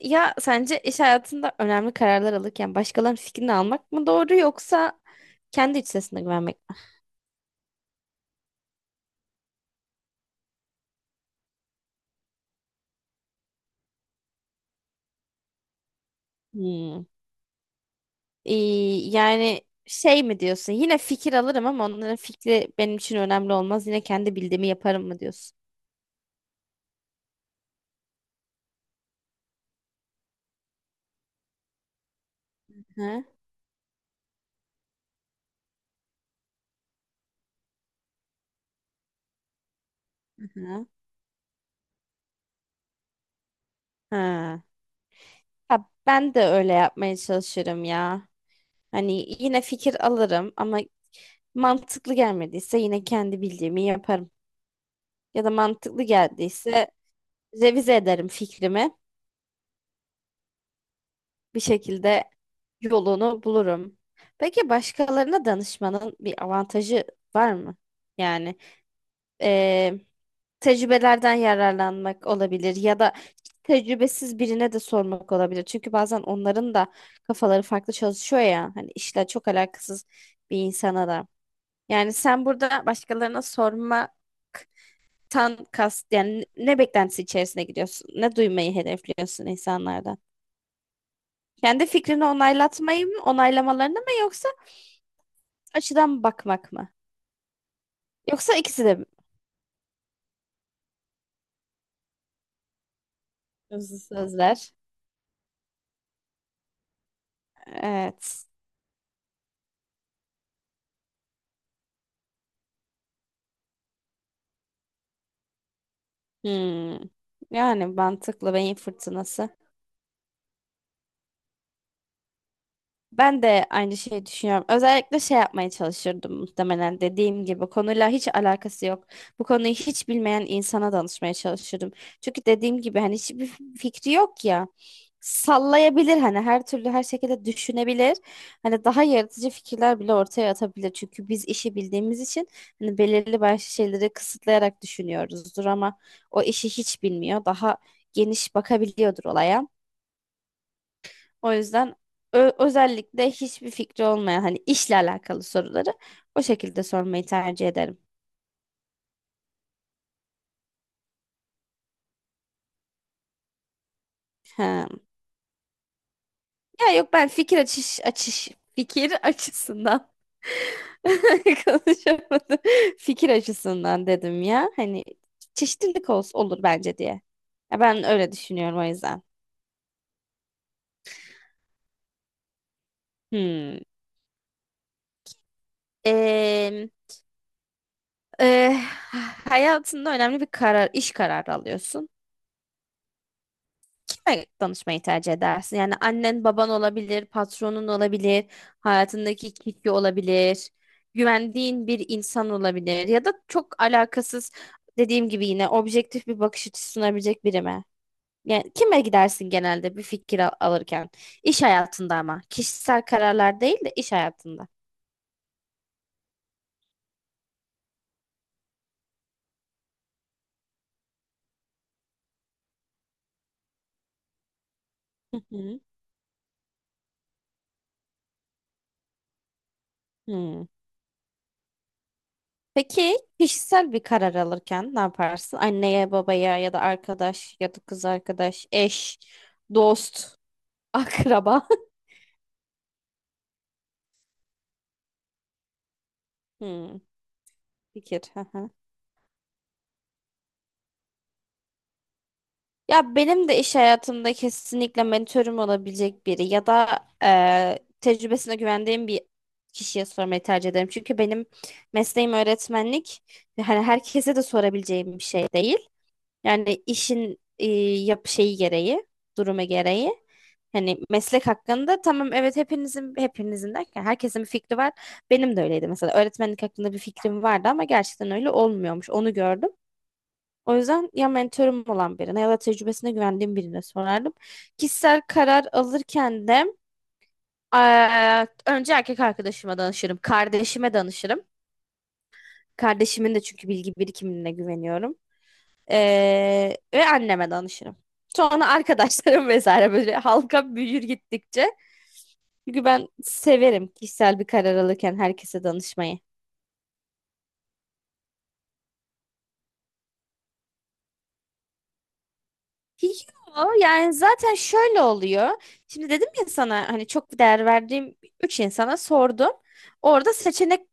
Ya sence iş hayatında önemli kararlar alırken başkalarının fikrini almak mı doğru yoksa kendi iç sesine güvenmek mi? Hmm. Ee, yani şey mi diyorsun? Yine fikir alırım ama onların fikri benim için önemli olmaz. Yine kendi bildiğimi yaparım mı diyorsun? Hı hı. Ha. Ha, ben de öyle yapmaya çalışırım ya. Hani yine fikir alırım ama mantıklı gelmediyse yine kendi bildiğimi yaparım. Ya da mantıklı geldiyse revize ederim fikrimi. Bir şekilde yolunu bulurum. Peki başkalarına danışmanın bir avantajı var mı? Yani eee, Tecrübelerden yararlanmak olabilir ya da tecrübesiz birine de sormak olabilir. Çünkü bazen onların da kafaları farklı çalışıyor ya. Hani işle çok alakasız bir insana da. Yani sen burada başkalarına sormaktan kast yani ne beklentisi içerisine gidiyorsun? Ne duymayı hedefliyorsun insanlardan? Kendi fikrini onaylatmayı mı, onaylamalarını mı yoksa açıdan bakmak mı? Yoksa ikisi de mi? Hızlı sözler. Evet. Hmm. Yani mantıklı beyin fırtınası. Ben de aynı şeyi düşünüyorum. Özellikle şey yapmaya çalışırdım muhtemelen dediğim gibi. Konuyla hiç alakası yok. Bu konuyu hiç bilmeyen insana danışmaya çalışırdım. Çünkü dediğim gibi hani hiçbir fikri yok ya. Sallayabilir, hani her türlü her şekilde düşünebilir. Hani daha yaratıcı fikirler bile ortaya atabilir. Çünkü biz işi bildiğimiz için hani belirli başlı şeyleri kısıtlayarak düşünüyoruzdur ama o işi hiç bilmiyor. Daha geniş bakabiliyordur olaya. O yüzden özellikle hiçbir fikri olmayan hani işle alakalı soruları o şekilde sormayı tercih ederim. Ha. Ya yok, ben fikir açış açış fikir açısından konuşamadım. Fikir açısından dedim ya. Hani çeşitlilik olsun olur bence diye. Ya ben öyle düşünüyorum o yüzden. Hmm. Ee, e, Hayatında önemli bir karar, iş kararı alıyorsun. Kime danışmayı tercih edersin? Yani annen, baban olabilir, patronun olabilir, hayatındaki kişi olabilir, güvendiğin bir insan olabilir ya da çok alakasız, dediğim gibi, yine objektif bir bakış açısı sunabilecek biri mi? Yani kime gidersin genelde bir fikir alırken? İş hayatında ama. Kişisel kararlar değil de iş hayatında. Hı hı. Hmm. Peki kişisel bir karar alırken ne yaparsın? Anneye, babaya ya da arkadaş ya da kız arkadaş, eş, dost. Akraba. Hmm, fikir. Hı hı. Ya benim de iş hayatımda kesinlikle mentörüm olabilecek biri ya da tecrübesine güvendiğim bir kişiye sormayı tercih ederim. Çünkü benim mesleğim öğretmenlik. Hani herkese de sorabileceğim bir şey değil. Yani işin yap şeyi gereği, durumu gereği. Hani meslek hakkında tamam, evet, hepinizin derken herkesin bir fikri var. Benim de öyleydi, mesela öğretmenlik hakkında bir fikrim vardı ama gerçekten öyle olmuyormuş. Onu gördüm. O yüzden ya mentorum olan birine ya da tecrübesine güvendiğim birine sorardım. Kişisel karar alırken de önce erkek arkadaşıma danışırım. Kardeşime danışırım. Kardeşimin de çünkü bilgi birikimine güveniyorum. Ve anneme danışırım. Sonra arkadaşlarım vesaire, böyle halka büyür gittikçe. Çünkü ben severim kişisel bir karar alırken herkese danışmayı. Yo, yani zaten şöyle oluyor. Şimdi dedim ya sana, hani çok değer verdiğim üç insana sordum. Orada seçenek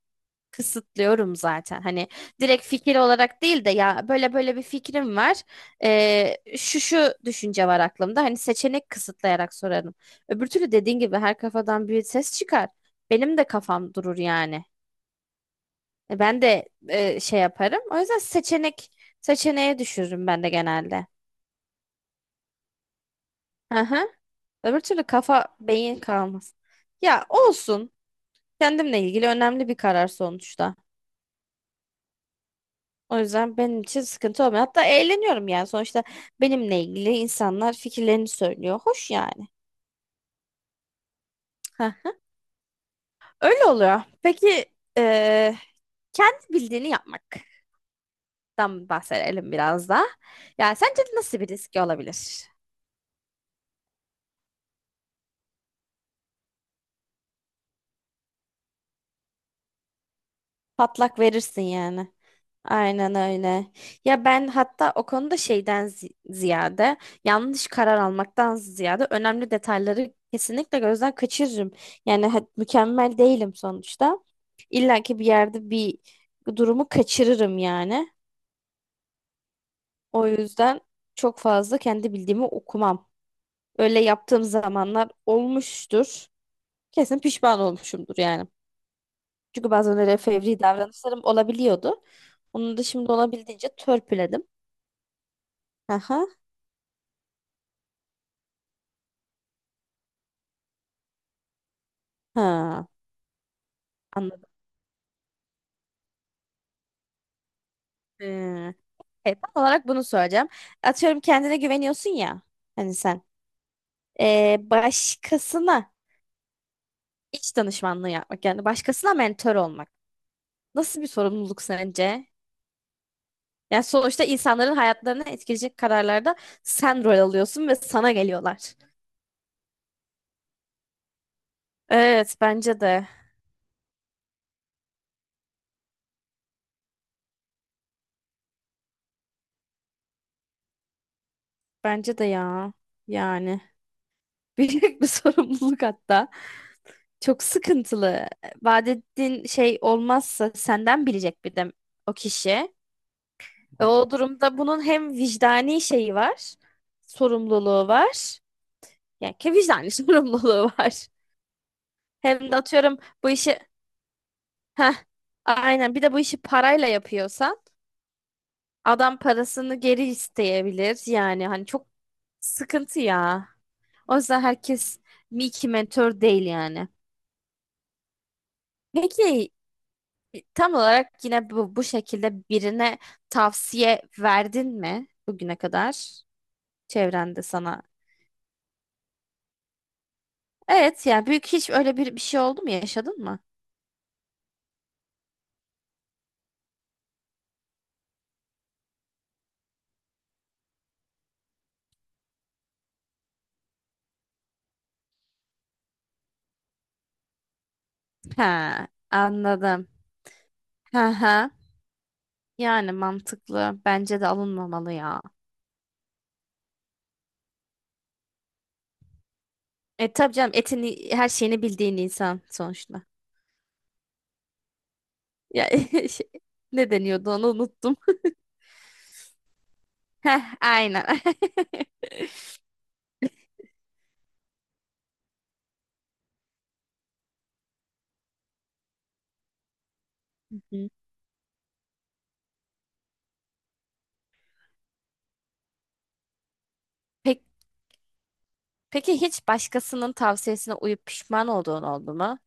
kısıtlıyorum zaten. Hani direkt fikir olarak değil de ya böyle böyle bir fikrim var. Şu şu düşünce var aklımda. Hani seçenek kısıtlayarak sorarım. Öbür türlü dediğin gibi her kafadan bir ses çıkar. Benim de kafam durur yani. Ben de şey yaparım. O yüzden seçeneğe düşürürüm ben de genelde. Hı. Öbür türlü kafa beyin kalmaz. Ya olsun. Kendimle ilgili önemli bir karar sonuçta. O yüzden benim için sıkıntı olmuyor. Hatta eğleniyorum yani. Sonuçta benimle ilgili insanlar fikirlerini söylüyor. Hoş yani. Heh. Öyle oluyor. Peki eee, kendi bildiğini yapmaktan bahsedelim biraz da. Yani sence nasıl bir riski olabilir? Patlak verirsin yani. Aynen öyle. Ya ben hatta o konuda şeyden ziyade, yanlış karar almaktan ziyade, önemli detayları kesinlikle gözden kaçırırım. Yani mükemmel değilim sonuçta. İlla ki bir yerde bir durumu kaçırırım yani. O yüzden çok fazla kendi bildiğimi okumam. Öyle yaptığım zamanlar olmuştur. Kesin pişman olmuşumdur yani. Çünkü bazen öyle fevri davranışlarım olabiliyordu. Onu da şimdi olabildiğince törpüledim. Aha, ha, anladım. Ee, Tam olarak bunu söyleyeceğim. Atıyorum, kendine güveniyorsun ya. Hani sen, başkasına iş danışmanlığı yapmak, yani başkasına mentor olmak. Nasıl bir sorumluluk sence? Yani sonuçta insanların hayatlarını etkileyecek kararlarda sen rol alıyorsun ve sana geliyorlar. Evet, bence de. Bence de ya. Yani büyük bir sorumluluk hatta. Çok sıkıntılı. Vaat ettiğin şey olmazsa senden bilecek bir de o kişi. Ve o durumda bunun hem vicdani şeyi var, sorumluluğu var. Yani ki vicdani sorumluluğu var. Hem de atıyorum bu işi, heh, aynen, bir de bu işi parayla yapıyorsan adam parasını geri isteyebilir. Yani hani çok sıkıntı ya. O yüzden herkes bir iki mentor değil yani. Peki, tam olarak yine bu şekilde birine tavsiye verdin mi bugüne kadar çevrende sana? Evet yani büyük hiç öyle bir şey oldu mu, yaşadın mı? Ha, anladım. Ha ha. Yani mantıklı. Bence de alınmamalı ya. E tabii canım, etini her şeyini bildiğin insan sonuçta. Ya şey, ne deniyordu, onu unuttum. Heh, aynen. Hı. Pek, peki hiç başkasının tavsiyesine uyup pişman olduğun oldu mu?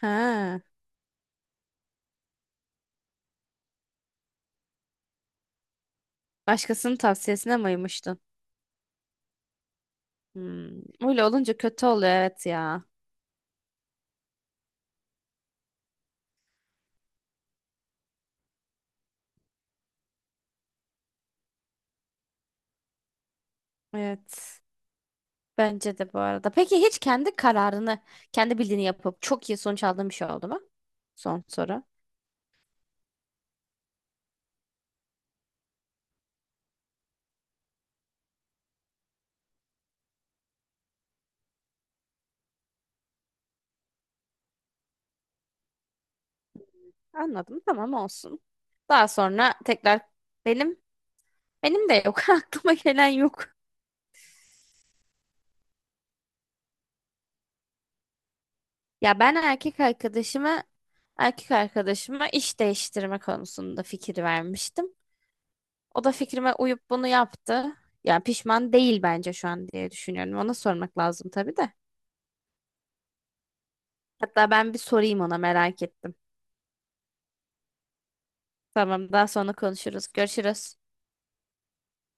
Ha, başkasının tavsiyesine mi uymuştun? Hmm, öyle olunca kötü oluyor, evet ya. Evet. Bence de bu arada. Peki hiç kendi kararını, kendi bildiğini yapıp çok iyi sonuç aldığın bir şey oldu mu? Son soru. Anladım. Tamam, olsun. Daha sonra tekrar benim. Benim de yok. Aklıma gelen yok. Ya ben erkek arkadaşıma iş değiştirme konusunda fikir vermiştim. O da fikrime uyup bunu yaptı. Yani pişman değil bence şu an diye düşünüyorum. Ona sormak lazım tabii de. Hatta ben bir sorayım ona, merak ettim. Tamam, daha sonra konuşuruz. Görüşürüz.